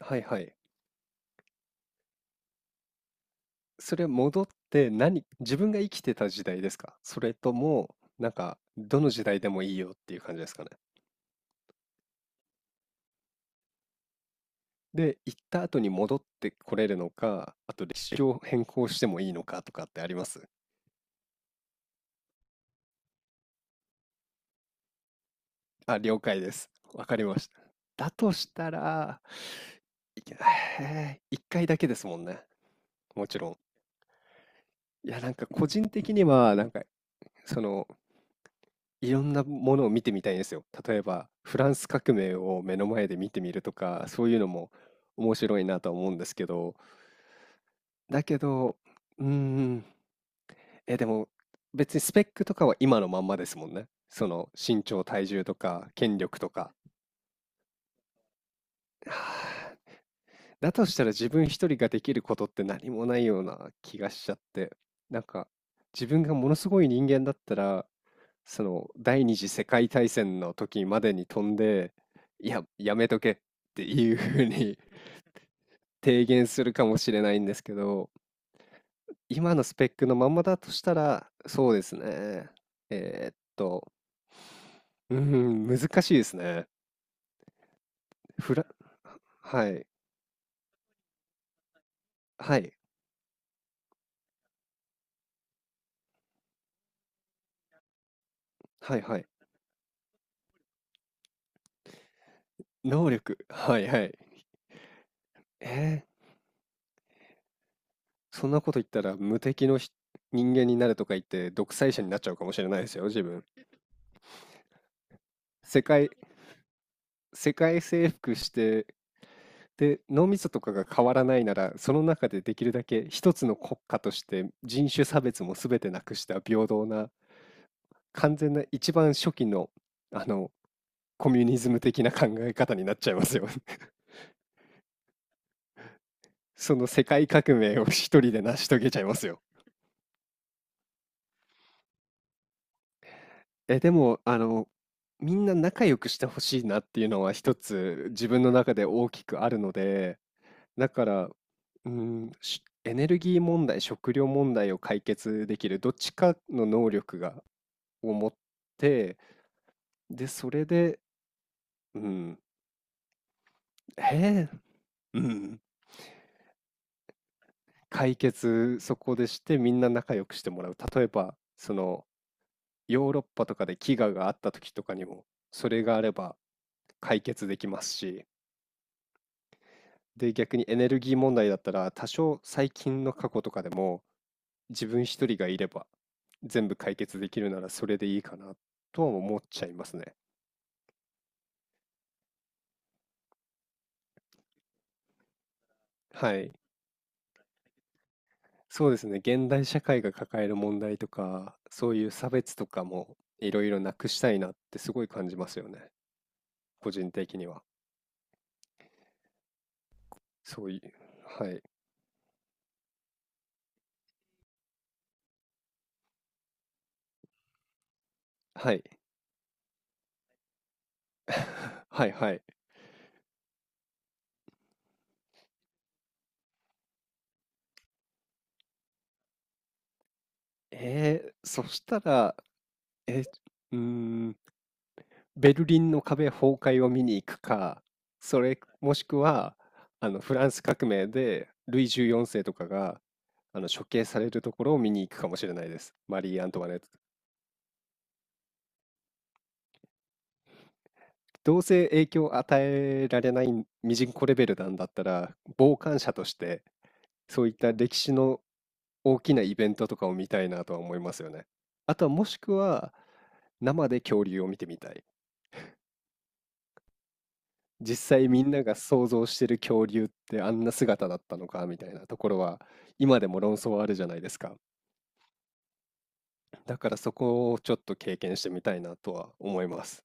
はいはい。それ戻って何、自分が生きてた時代ですか？それとも、なんか、どの時代でもいいよっていう感じですかね。で、行った後に戻ってこれるのか、あと歴史を変更してもいいのかとかってあります？あ、了解です。わかりました。だとしたら、いけへえ一回だけですもんね。もちろん。いや、なんか個人的には、なんか、その、いろんなものを見てみたいんですよ。例えば、フランス革命を目の前で見てみるとか、そういうのも面白いなとは思うんですけど、だけど、うーん、でも別にスペックとかは今のまんまですもんね。その身長、体重とか、権力とか。はあ。だとしたら自分一人ができることって何もないような気がしちゃって、なんか自分がものすごい人間だったら、その第二次世界大戦の時までに飛んで、いや、やめとけっていうふうに 提言するかもしれないんですけど、今のスペックのまんまだとしたら、そうですね。えーっと、うん、難しいですね。フラ、はい、はい、はい、はい。能力、はい、はい。えーそんなこと言ったら無敵の人間になるとか言って独裁者になっちゃうかもしれないですよ、自分。世界、世界征服して、で、脳みそとかが変わらないなら、その中でできるだけ一つの国家として人種差別も全てなくした平等な、完全な一番初期の、あの、コミュニズム的な考え方になっちゃいますよ。その世界革命を一人で成し遂げちゃいますよ。え、でも、あの、みんな仲良くしてほしいなっていうのは一つ自分の中で大きくあるので、だから、うん、エネルギー問題、食料問題を解決できるどっちかの能力を持って、で、それで、うん、へえ、うん、解決そこでしてみんな仲良くしてもらう。例えば、そのヨーロッパとかで飢餓があった時とかにも、それがあれば解決できますし、で、逆にエネルギー問題だったら、多少最近の過去とかでも、自分一人がいれば、全部解決できるならそれでいいかなとは思っちゃいますね。はい。そうですね。現代社会が抱える問題とか、そういう差別とかもいろいろなくしたいなってすごい感じますよね。個人的には。そういう、はい。はい。はいはい。そしたら、え、うーん、ベルリンの壁崩壊を見に行くか、それもしくはあのフランス革命でルイ14世とかがあの処刑されるところを見に行くかもしれないです。マリー・アントワネット。どうせ影響を与えられないミジンコレベルなんだったら、傍観者としてそういった歴史の大きなイベントとかを見たいなとは思いますよね。あとはもしくは生で恐竜を見てみたい。実際みんなが想像してる恐竜ってあんな姿だったのかみたいなところは今でも論争はあるじゃないですか。だからそこをちょっと経験してみたいなとは思います。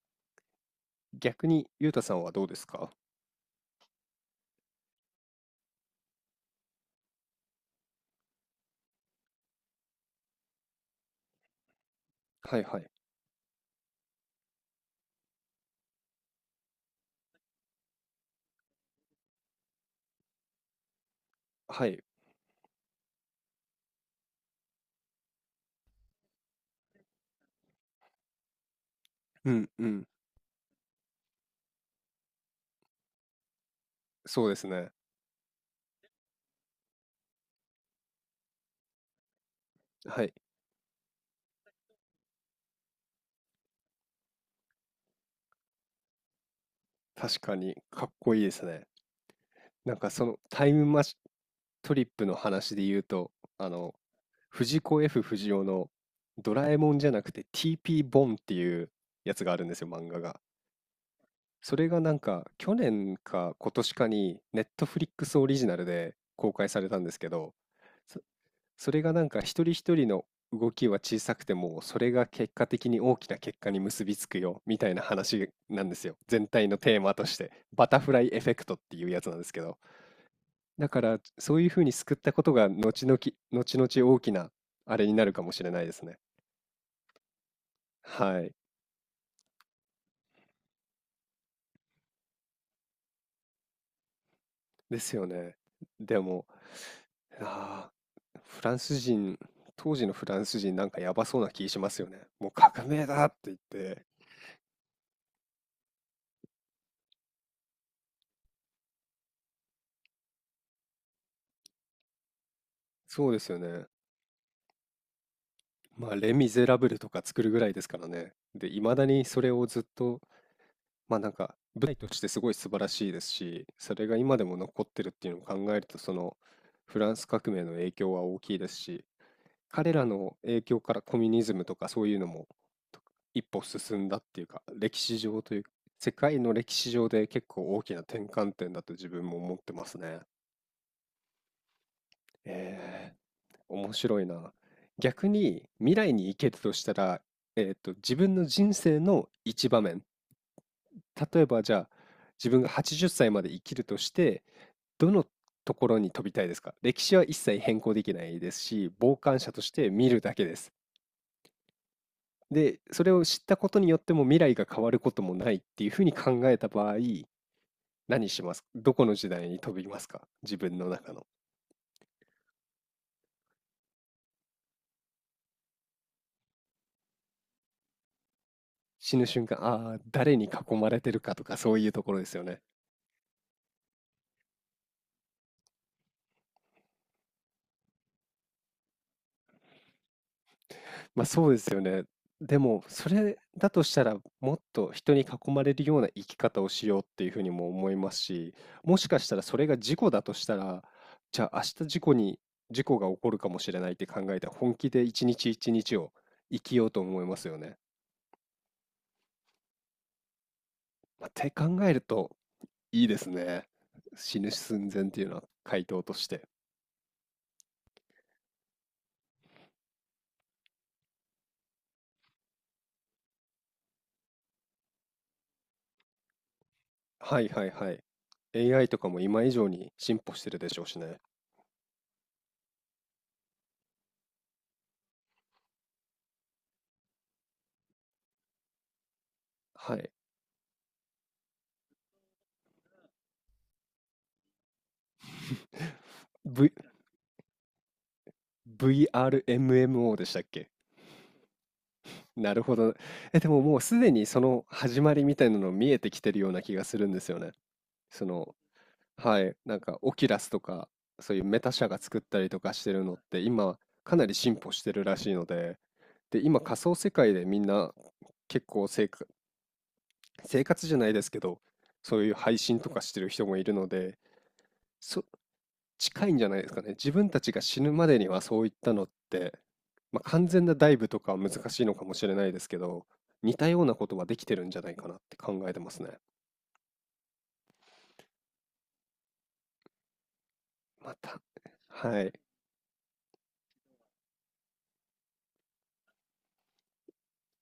逆にゆうたさんはどうですか？はいはい。はい。うんうん。そうですね。はい。確かにかっこいいですね。なんかそのタイムマシトリップの話で言うと、あの、藤子 F 不二雄のドラえもんじゃなくて TP ボンっていうやつがあるんですよ、漫画が。それがなんか去年か今年かにネットフリックスオリジナルで公開されたんですけど、そ、それがなんか一人一人の動きは小さくても、それが結果的に大きな結果に結びつくよみたいな話なんですよ。全体のテーマとして。バタフライエフェクトっていうやつなんですけど。だからそういうふうに救ったことが後々、後々大きなあれになるかもしれないですね。はい。ですよね。でも、ああ、フランス人、当時のフランス人なんかやばそうな気しますよね。もう革命だって言って。そうですよね。まあ、レ・ミゼラブルとか作るぐらいですからね。で、いまだにそれをずっと、まあなんか、舞台としてすごい素晴らしいですし、それが今でも残ってるっていうのを考えると、その、フランス革命の影響は大きいですし、彼らの影響からコミュニズムとかそういうのも一歩進んだっていうか、歴史上というか、世界の歴史上で結構大きな転換点だと自分も思ってますね。え面白いな。逆に未来に行けるとしたら、自分の人生の一場面。例えばじゃあ、自分が80歳まで生きるとして、どのところに飛びたいですか？歴史は一切変更できないですし、傍観者として見るだけです。で、それを知ったことによっても未来が変わることもないっていうふうに考えた場合、何します？どこの時代に飛びますか？自分の中の。死ぬ瞬間、ああー、誰に囲まれてるかとかそういうところですよね。ま、そうですよね。でも、それだとしたら、もっと人に囲まれるような生き方をしようっていうふうにも思いますし、もしかしたらそれが事故だとしたら、じゃあ、明日、事故が起こるかもしれないって考えて、本気で1日1日を生きようと思いますよね。まあ、って考えるといいですね。死ぬ寸前っていうのは回答として。はいはいはい。AI とかも今以上に進歩してるでしょうしね。はい。V VRMMO でしたっけ？なるほど。え、でももうすでにその始まりみたいなの見えてきてるような気がするんですよね。その、はい、なんかオキュラスとか、そういうメタ社が作ったりとかしてるのって、今かなり進歩してるらしいので、で、今仮想世界でみんな結構生活、生活じゃないですけど、そういう配信とかしてる人もいるので、そ、近いんじゃないですかね。自分たちが死ぬまでにはそういったのって、まあ、完全なダイブとかは難しいのかもしれないですけど、似たようなことはできてるんじゃないかなって考えてますね。また、はい、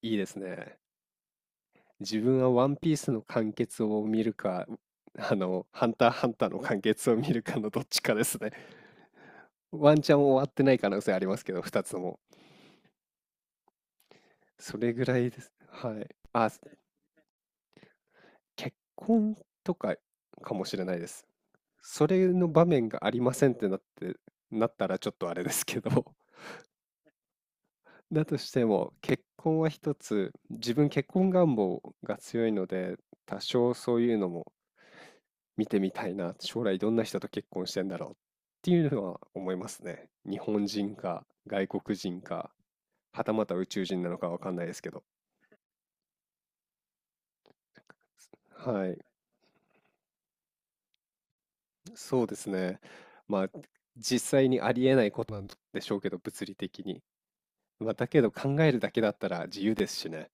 いいですね。自分はワンピースの完結を見るか、あの、ハンターハンターの完結を見るかのどっちかですね。ワンチャン終わってない可能性ありますけど、2つとも。それぐらいです。はい。あ、結婚とかかもしれないです。それの場面がありませんってなって、なったらちょっとあれですけど、だとしても結婚は一つ、自分結婚願望が強いので、多少そういうのも見てみたいな、将来どんな人と結婚してんだろうっていうのは思いますね。日本人か外国人か、はたまた宇宙人なのかわかんないですけど。はい、そうですね。まあ実際にありえないことなんでしょうけど、物理的に。まあ、だけど考えるだけだったら自由ですしね。